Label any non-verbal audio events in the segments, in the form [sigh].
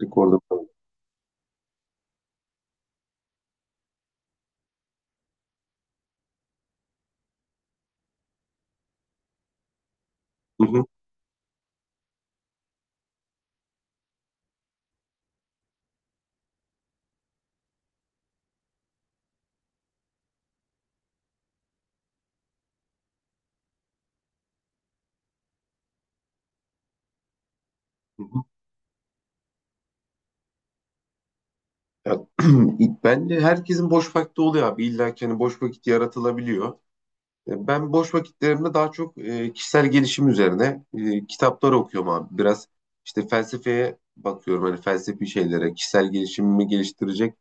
Rekorda falan. Hı hı, hı hı. Ya, [clears throat] bence herkesin boş vakti oluyor abi. İlla ki hani boş vakit yaratılabiliyor. Ben boş vakitlerimde daha çok kişisel gelişim üzerine kitaplar okuyorum abi. Biraz işte felsefeye bakıyorum. Hani felsefi şeylere, kişisel gelişimimi geliştirecek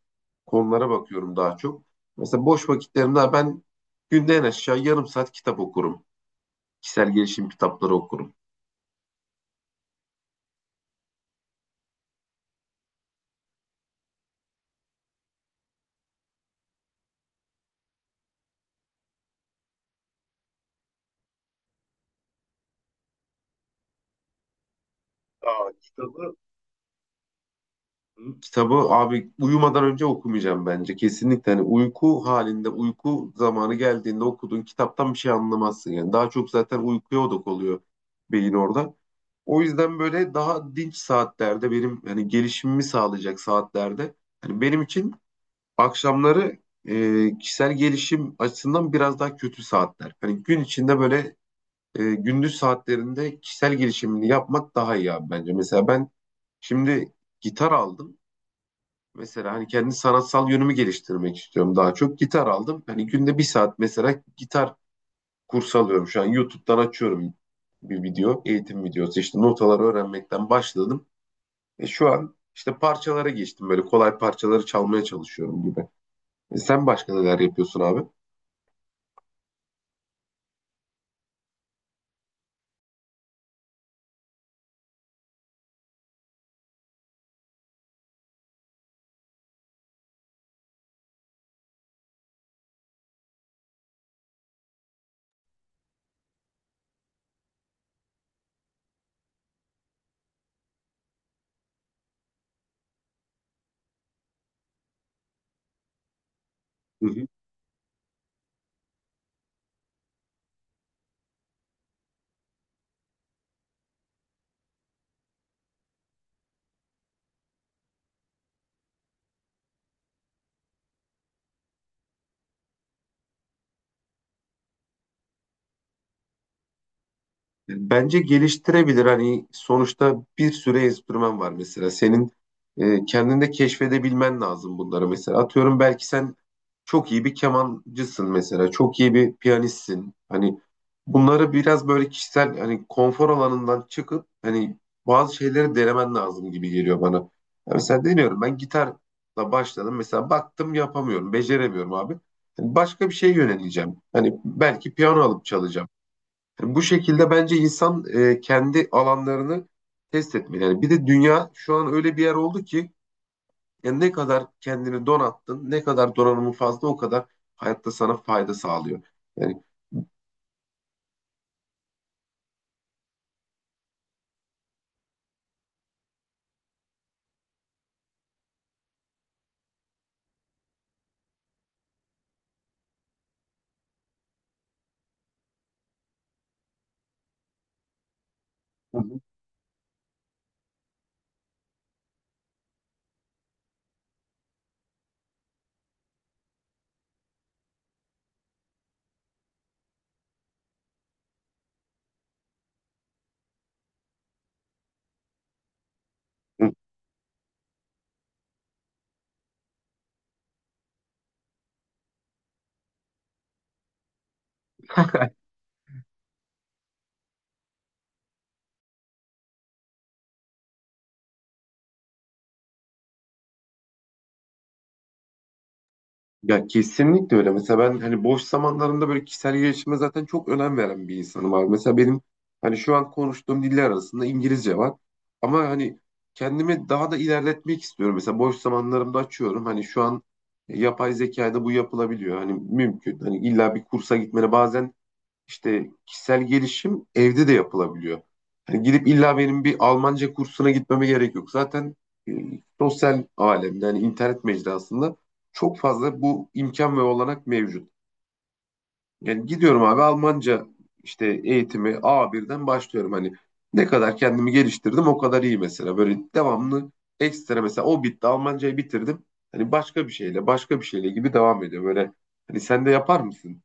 konulara bakıyorum daha çok. Mesela boş vakitlerimde ben günde en aşağı yarım saat kitap okurum. Kişisel gelişim kitapları okurum. Aa, kitabı Kitabı abi uyumadan önce okumayacağım bence. Kesinlikle hani uyku halinde uyku zamanı geldiğinde okuduğun kitaptan bir şey anlamazsın yani. Daha çok zaten uykuya odak oluyor beyin orada. O yüzden böyle daha dinç saatlerde benim hani gelişimimi sağlayacak saatlerde hani benim için akşamları kişisel gelişim açısından biraz daha kötü saatler. Hani gün içinde böyle gündüz saatlerinde kişisel gelişimini yapmak daha iyi abi bence. Mesela ben şimdi gitar aldım. Mesela hani kendi sanatsal yönümü geliştirmek istiyorum daha çok. Gitar aldım. Hani günde bir saat mesela gitar kursu alıyorum. Şu an YouTube'dan açıyorum bir video, eğitim videosu. İşte notaları öğrenmekten başladım. E şu an işte parçalara geçtim. Böyle kolay parçaları çalmaya çalışıyorum gibi. E sen başka neler yapıyorsun abi? Hı hı. Bence geliştirebilir. Hani sonuçta bir sürü enstrüman var mesela. Senin kendinde keşfedebilmen lazım bunları mesela. Atıyorum belki sen çok iyi bir kemancısın mesela. Çok iyi bir piyanistsin. Hani bunları biraz böyle kişisel hani konfor alanından çıkıp hani bazı şeyleri denemen lazım gibi geliyor bana. Ya mesela deniyorum ben gitarla başladım. Mesela baktım yapamıyorum, beceremiyorum abi. Hani başka bir şeye yöneleceğim. Hani belki piyano alıp çalacağım. Bu şekilde bence insan kendi alanlarını test etmeli. Yani bir de dünya şu an öyle bir yer oldu ki yani ne kadar kendini donattın, ne kadar donanımın fazla o kadar hayatta sana fayda sağlıyor. Yani Hı hı. Ya kesinlikle öyle. Mesela ben hani boş zamanlarımda böyle kişisel gelişime zaten çok önem veren bir insanım abi. Mesela benim hani şu an konuştuğum diller arasında İngilizce var. Ama hani kendimi daha da ilerletmek istiyorum. Mesela boş zamanlarımda açıyorum. Hani şu an yapay zekayla bu yapılabiliyor. Hani mümkün. Hani illa bir kursa gitmene bazen işte kişisel gelişim evde de yapılabiliyor. Hani gidip illa benim bir Almanca kursuna gitmeme gerek yok. Zaten e, sosyal alemde, yani internet mecrasında çok fazla bu imkan ve olanak mevcut. Yani gidiyorum abi Almanca işte eğitimi a birden başlıyorum. Hani ne kadar kendimi geliştirdim o kadar iyi mesela. Böyle devamlı ekstra mesela o bitti Almancayı bitirdim. Hani başka bir şeyle gibi devam ediyor. Böyle hani sen de yapar mısın?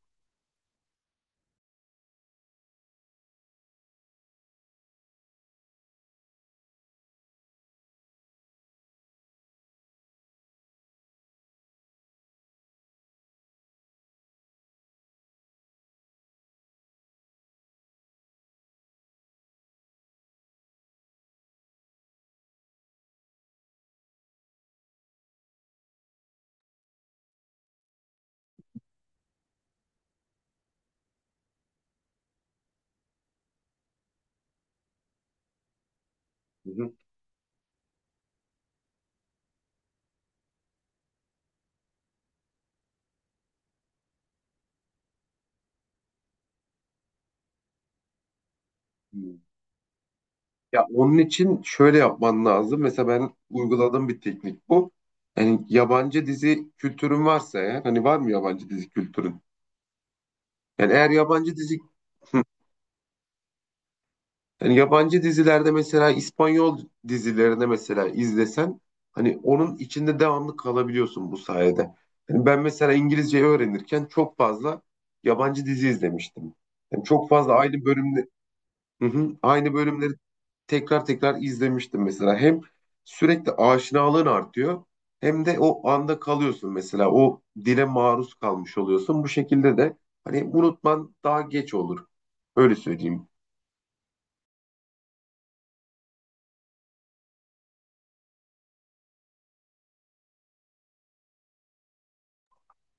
Hı hı. Ya onun için şöyle yapman lazım. Mesela ben uyguladığım bir teknik bu. Yani yabancı dizi kültürün varsa eğer, hani var mı yabancı dizi kültürün? Yani eğer yabancı dizi Hı. yani yabancı dizilerde mesela İspanyol dizilerine mesela izlesen hani onun içinde devamlı kalabiliyorsun bu sayede. Yani ben mesela İngilizceyi öğrenirken çok fazla yabancı dizi izlemiştim. Yani çok fazla aynı bölümde Hı hı, aynı bölümleri tekrar tekrar izlemiştim mesela. Hem sürekli aşinalığın artıyor hem de o anda kalıyorsun mesela. O dile maruz kalmış oluyorsun. Bu şekilde de hani unutman daha geç olur. Öyle söyleyeyim.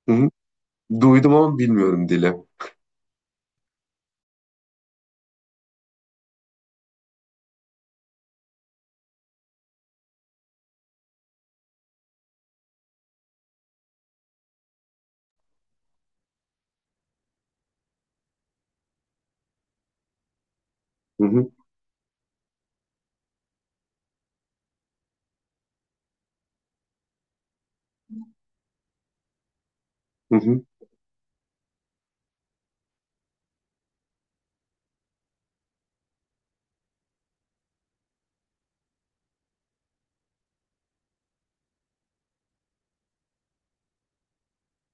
Hı hı. Duydum ama bilmiyorum dile. Hı hı. Hı hı.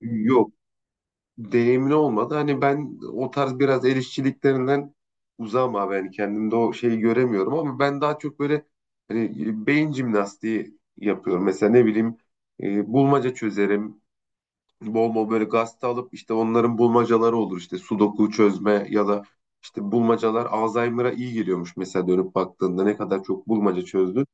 Yok. Deneyimli olmadı. Hani ben o tarz biraz el işçiliklerinden uzağım abi. Yani kendimde o şeyi göremiyorum ama ben daha çok böyle hani beyin jimnastiği yapıyorum. Mesela ne bileyim bulmaca çözerim. Bol bol böyle gazete alıp işte onların bulmacaları olur işte sudoku çözme ya da işte bulmacalar Alzheimer'a iyi geliyormuş mesela dönüp baktığında ne kadar çok bulmaca çözdün.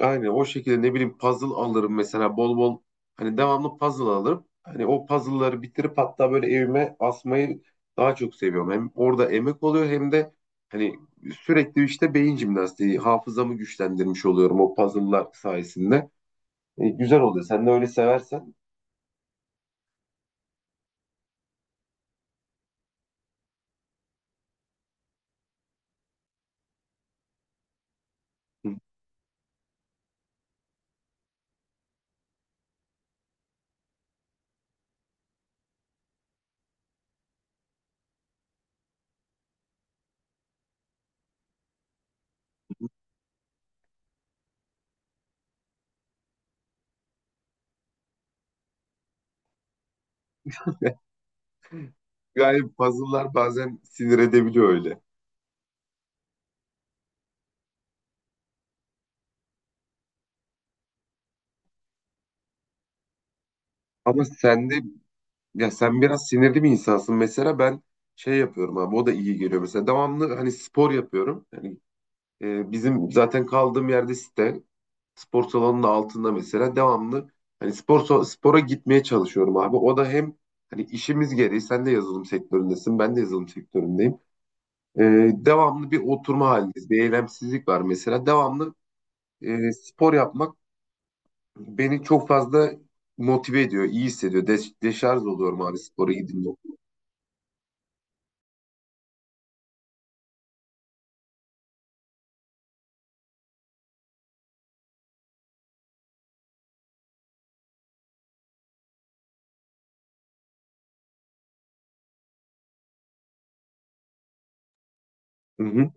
Aynen o şekilde ne bileyim puzzle alırım mesela bol bol hani devamlı puzzle alırım. Hani o puzzle'ları bitirip hatta böyle evime asmayı daha çok seviyorum. Hem orada emek oluyor hem de hani sürekli işte beyin jimnastiği, hafızamı güçlendirmiş oluyorum o puzzle'lar sayesinde. E, güzel oluyor. Sen de öyle seversen. Yani puzzle'lar bazen sinir edebiliyor öyle. Ama sen de ya sen biraz sinirli bir insansın. Mesela ben şey yapıyorum abi o da iyi geliyor. Mesela devamlı hani spor yapıyorum. Yani bizim zaten kaldığım yerde site spor salonunun altında mesela devamlı hani spora gitmeye çalışıyorum abi. O da hem hani işimiz gereği sen de yazılım sektöründesin ben de yazılım sektöründeyim. E, devamlı bir oturma halindeyiz. Bir eylemsizlik var mesela. Devamlı spor yapmak beni çok fazla motive ediyor, iyi hissediyor. Deşarj oluyorum abi spora gidince. Hı hı.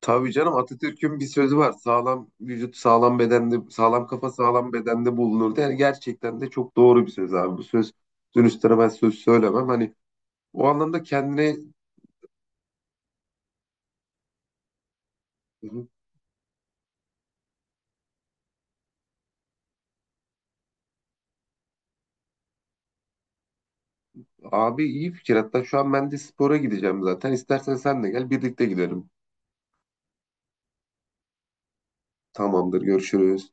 Tabii canım, Atatürk'ün bir sözü var. Sağlam vücut sağlam bedende, sağlam kafa sağlam bedende bulunur. Yani gerçekten de çok doğru bir söz abi. Bu söz dönüştüre ben söz söylemem. Hani o anlamda kendine Hı hı. Abi iyi fikir. Hatta şu an ben de spora gideceğim zaten. İstersen sen de gel birlikte gidelim. Tamamdır görüşürüz.